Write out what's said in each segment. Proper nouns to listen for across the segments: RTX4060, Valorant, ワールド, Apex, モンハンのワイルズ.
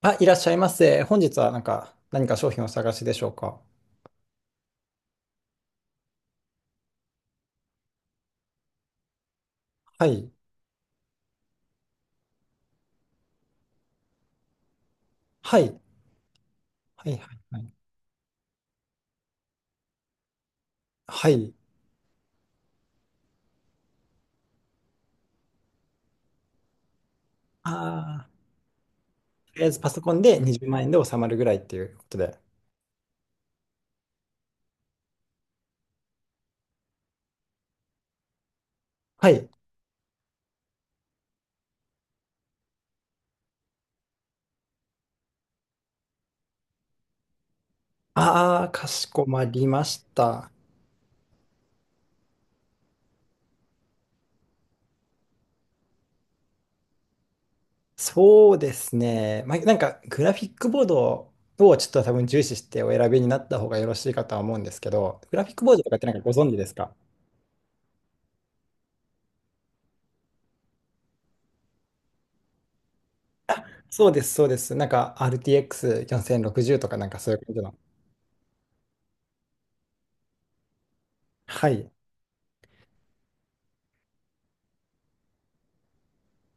あ、いらっしゃいませ。本日はなんか、何か商品をお探しでしょうか。はい。はい。はい。はい。はい。はい。あーとりあえずパソコンで20万円で収まるぐらいっていうことで。はい。ああ、かしこまりました。そうですね。まあ、なんか、グラフィックボードをちょっと多分重視してお選びになった方がよろしいかとは思うんですけど、グラフィックボードとかってなんかご存知ですか？そうです、そうです。なんか RTX4060 とかなんかそういう感じの。はい。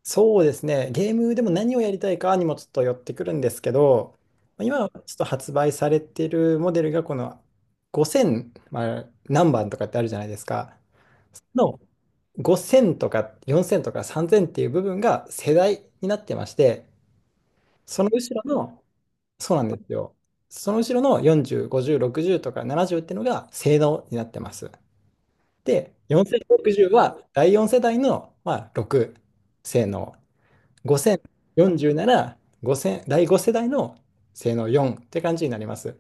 そうですね。ゲームでも何をやりたいかにもちょっと寄ってくるんですけど、まあ今ちょっと発売されているモデルがこの5000、まあ、何番とかってあるじゃないですか。その5000とか4000とか3000っていう部分が世代になってまして、その後ろの、そうなんですよ。その後ろの40、50、60とか70っていうのが性能になってます。で、4060は第4世代の、まあ、6性能。5040なら5第5世代の性能4って感じになります。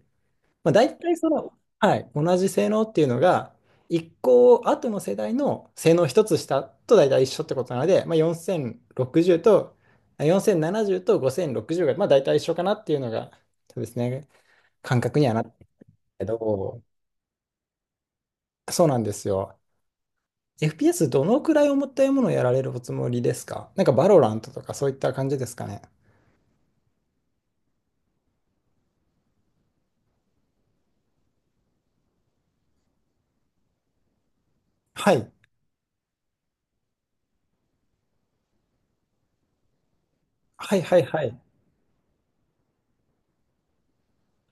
まあ、大体その、はい、同じ性能っていうのが一個後の世代の性能一つ下と大体一緒ってことなので、まあ、4060とあ4070と5060がまあ大体一緒かなっていうのがそうですね感覚にはなってるけどそうなんですよ。FPS どのくらい重たいものをやられるおつもりですか？なんかバロラントとかそういった感じですかね。はい。はいはいはい。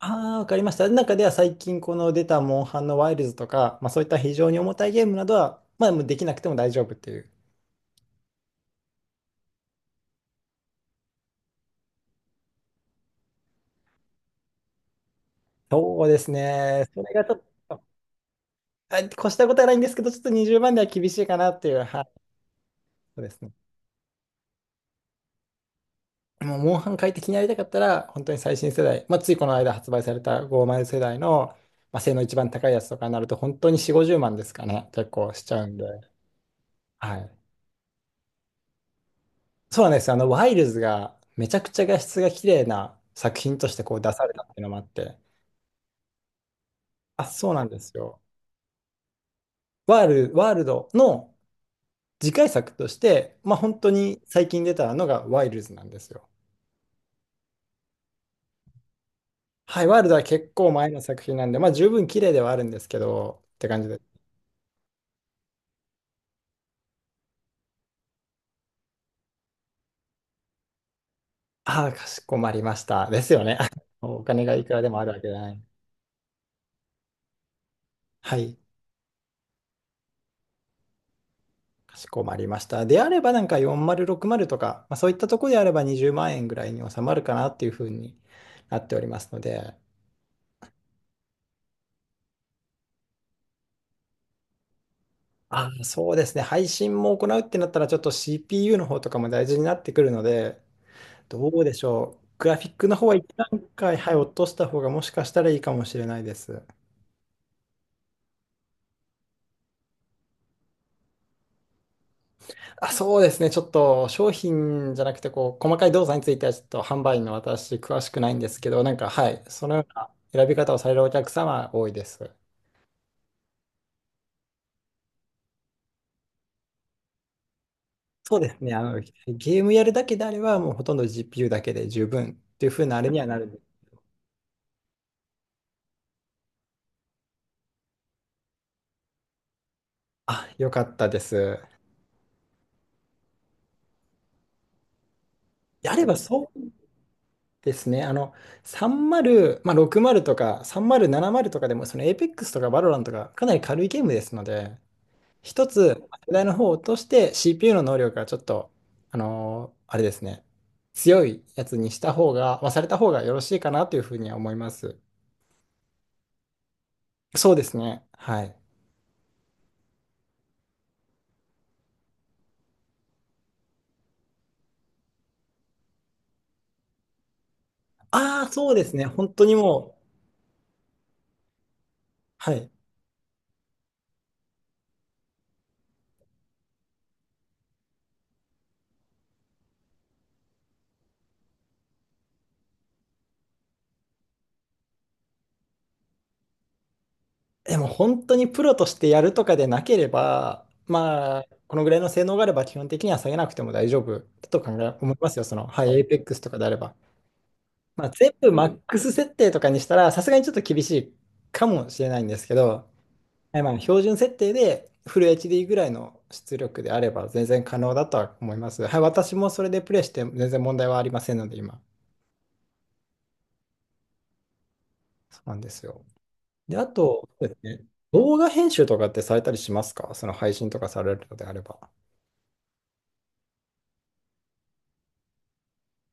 ああ、わかりました。中では最近この出たモンハンのワイルズとか、まあそういった非常に重たいゲームなどは、まあもうできなくても大丈夫っていう。そうですね。それがちょっと、あ越したことはないんですけど、ちょっと20万では厳しいかなっていう。はい。そうですね。もうモンハン快適にやりたかったら、本当に最新世代、まあついこの間発売された50世代の、まあ、性能一番高いやつとかになると、本当に4、50万ですかね。結構しちゃうんで。はい。そうなんですよ。ワイルズがめちゃくちゃ画質が綺麗な作品としてこう出されたっていうのもあって、あ、そうなんですよ。ワール、ワールドの次回作として、まあ本当に最近出たのがワイルズなんですよ。はい、ワールドは結構前の作品なんで、まあ十分綺麗ではあるんですけど、って感じで。ああ、かしこまりました。ですよね。お金がいくらでもあるわけじゃない。はい、かしこまりました。であればなんか4060とか、まあそういったところであれば20万円ぐらいに収まるかなっていうふうになっておりますので、あ、そうですね。配信も行うってなったら、ちょっと CPU の方とかも大事になってくるので、どうでしょう。グラフィックの方は一段階、はい、落とした方がもしかしたらいいかもしれないです。あ、そうですね。ちょっと商品じゃなくて、こう、細かい動作についてはちょっと販売員の私、詳しくないんですけど、なんか、はい、そのような選び方をされるお客様は多いです。そうですね。ゲームやるだけであれば、もうほとんど GPU だけで十分っていう風なあれにはなる。あ、よかったです。であれば、そうですね。30、まあ、60とか30、70とかでも、その Apex とか Valorant とかかなり軽いゲームですので、一つ、世代の方を落として CPU の能力がちょっと、あのーあれですね、強いやつにした方が、まあ、された方がよろしいかなというふうには思います。そうですね。はい。ああ、そうですね。本当にもう、はい。でも本当にプロとしてやるとかでなければ、まあ、このぐらいの性能があれば基本的には下げなくても大丈夫だと考え、思いますよ。その、はい、エイペックスとかであれば。まあ、全部マックス設定とかにしたら、さすがにちょっと厳しいかもしれないんですけど、はいまあ、標準設定でフル HD ぐらいの出力であれば全然可能だとは思います。はい、私もそれでプレイして全然問題はありませんので、今。そうなんですよ。で、あと、そうですね動画編集とかってされたりしますか？その配信とかされるのであれば。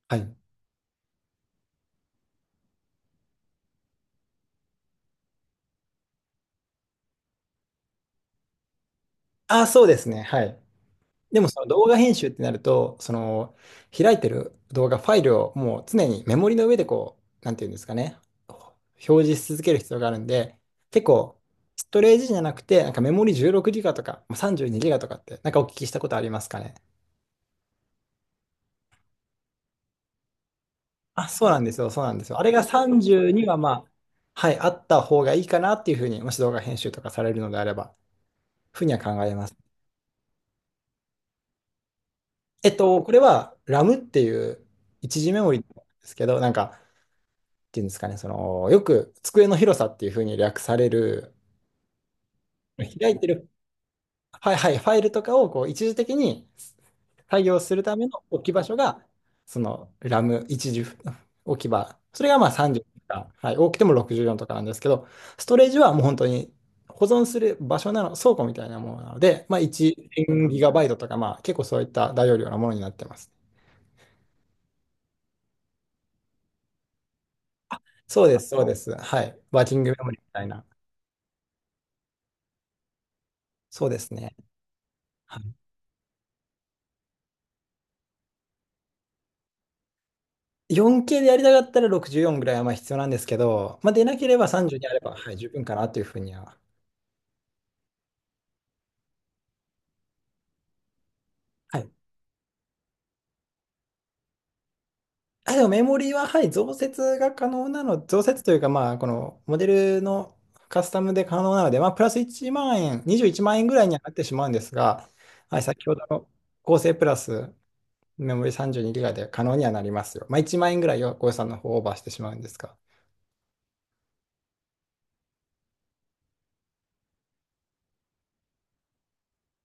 はい。ああ、そうですね。はい。でも、その動画編集ってなると、その、開いてる動画、ファイルをもう常にメモリの上でこう、なんていうんですかね、表示し続ける必要があるんで、結構、ストレージじゃなくて、なんかメモリ 16GB とか、まあ 32GB とかって、なんかお聞きしたことありますかね。あ、そうなんですよ、そうなんですよ。あれが32はまあ、はい、あった方がいいかなっていうふうに、もし動画編集とかされるのであれば、ふうには考えます。えっと、これはラムっていう一時メモリなんですけど、なんか、っていうんですかね、その、よく机の広さっていうふうに略される、開いてる、はいはい、ファイルとかをこう一時的に作業するための置き場所が、そのラム一時置き場。それがまあ30とか、はい、多くても64とかなんですけど、ストレージはもう本当に保存する場所なの、倉庫みたいなものなので、まあ1 0ギガバイトとか、まあ結構そういった大容量なものになってます。そうです、そうです。はい。ワーキングメモリーみたいな。そうですね。はい、4K でやりたかったら64ぐらいはまあ必要なんですけど、まあ、出なければ30にあれば、はい、十分かなというふうには。はい。あ、でもメモリーは、はい、増設が可能なの、増設というか、まあ、このモデルのカスタムで可能なので、まあ、プラス1万円、21万円ぐらいにはなってしまうんですが、はい、先ほどの合成プラスメモリー3 2 g ガで可能にはなりますよ。まあ、1万円ぐらいはご予算の方をオーバーしてしまうんですが。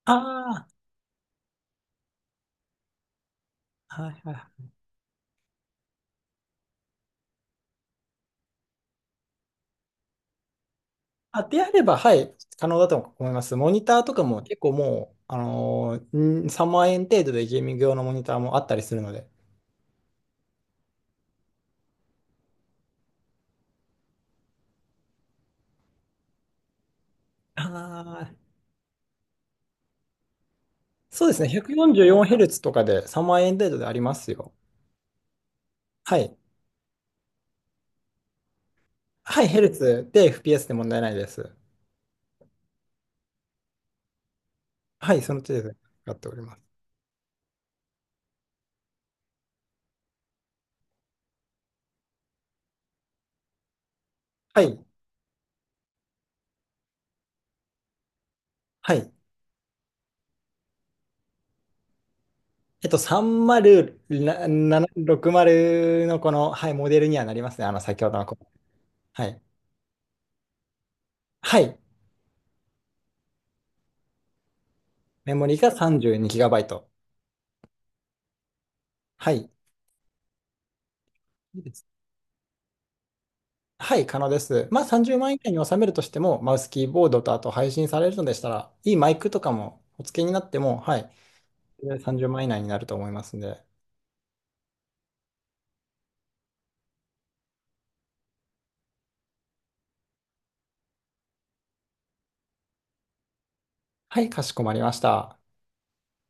ああ、はいはいあ、であれば、はい、可能だと思います。モニターとかも結構もう、ん3万円程度でゲーミング用のモニターもあったりするので。ああ、そうですね、144Hz とかで3万円程度でありますよ。はい。はい、ヘルツで FPS で問題ないです。はい、その程度で使っております。はい。はい。えっと、3060のこの、はい、モデルにはなりますね。先ほどのこ。はい。はい。メモリが 32GB。はい。はい、可能です。まあ、30万円以内に収めるとしても、マウスキーボードとあと配信されるのでしたら、いいマイクとかもお付けになっても、はい、30万円以内になると思いますんで。はい、かしこまりました。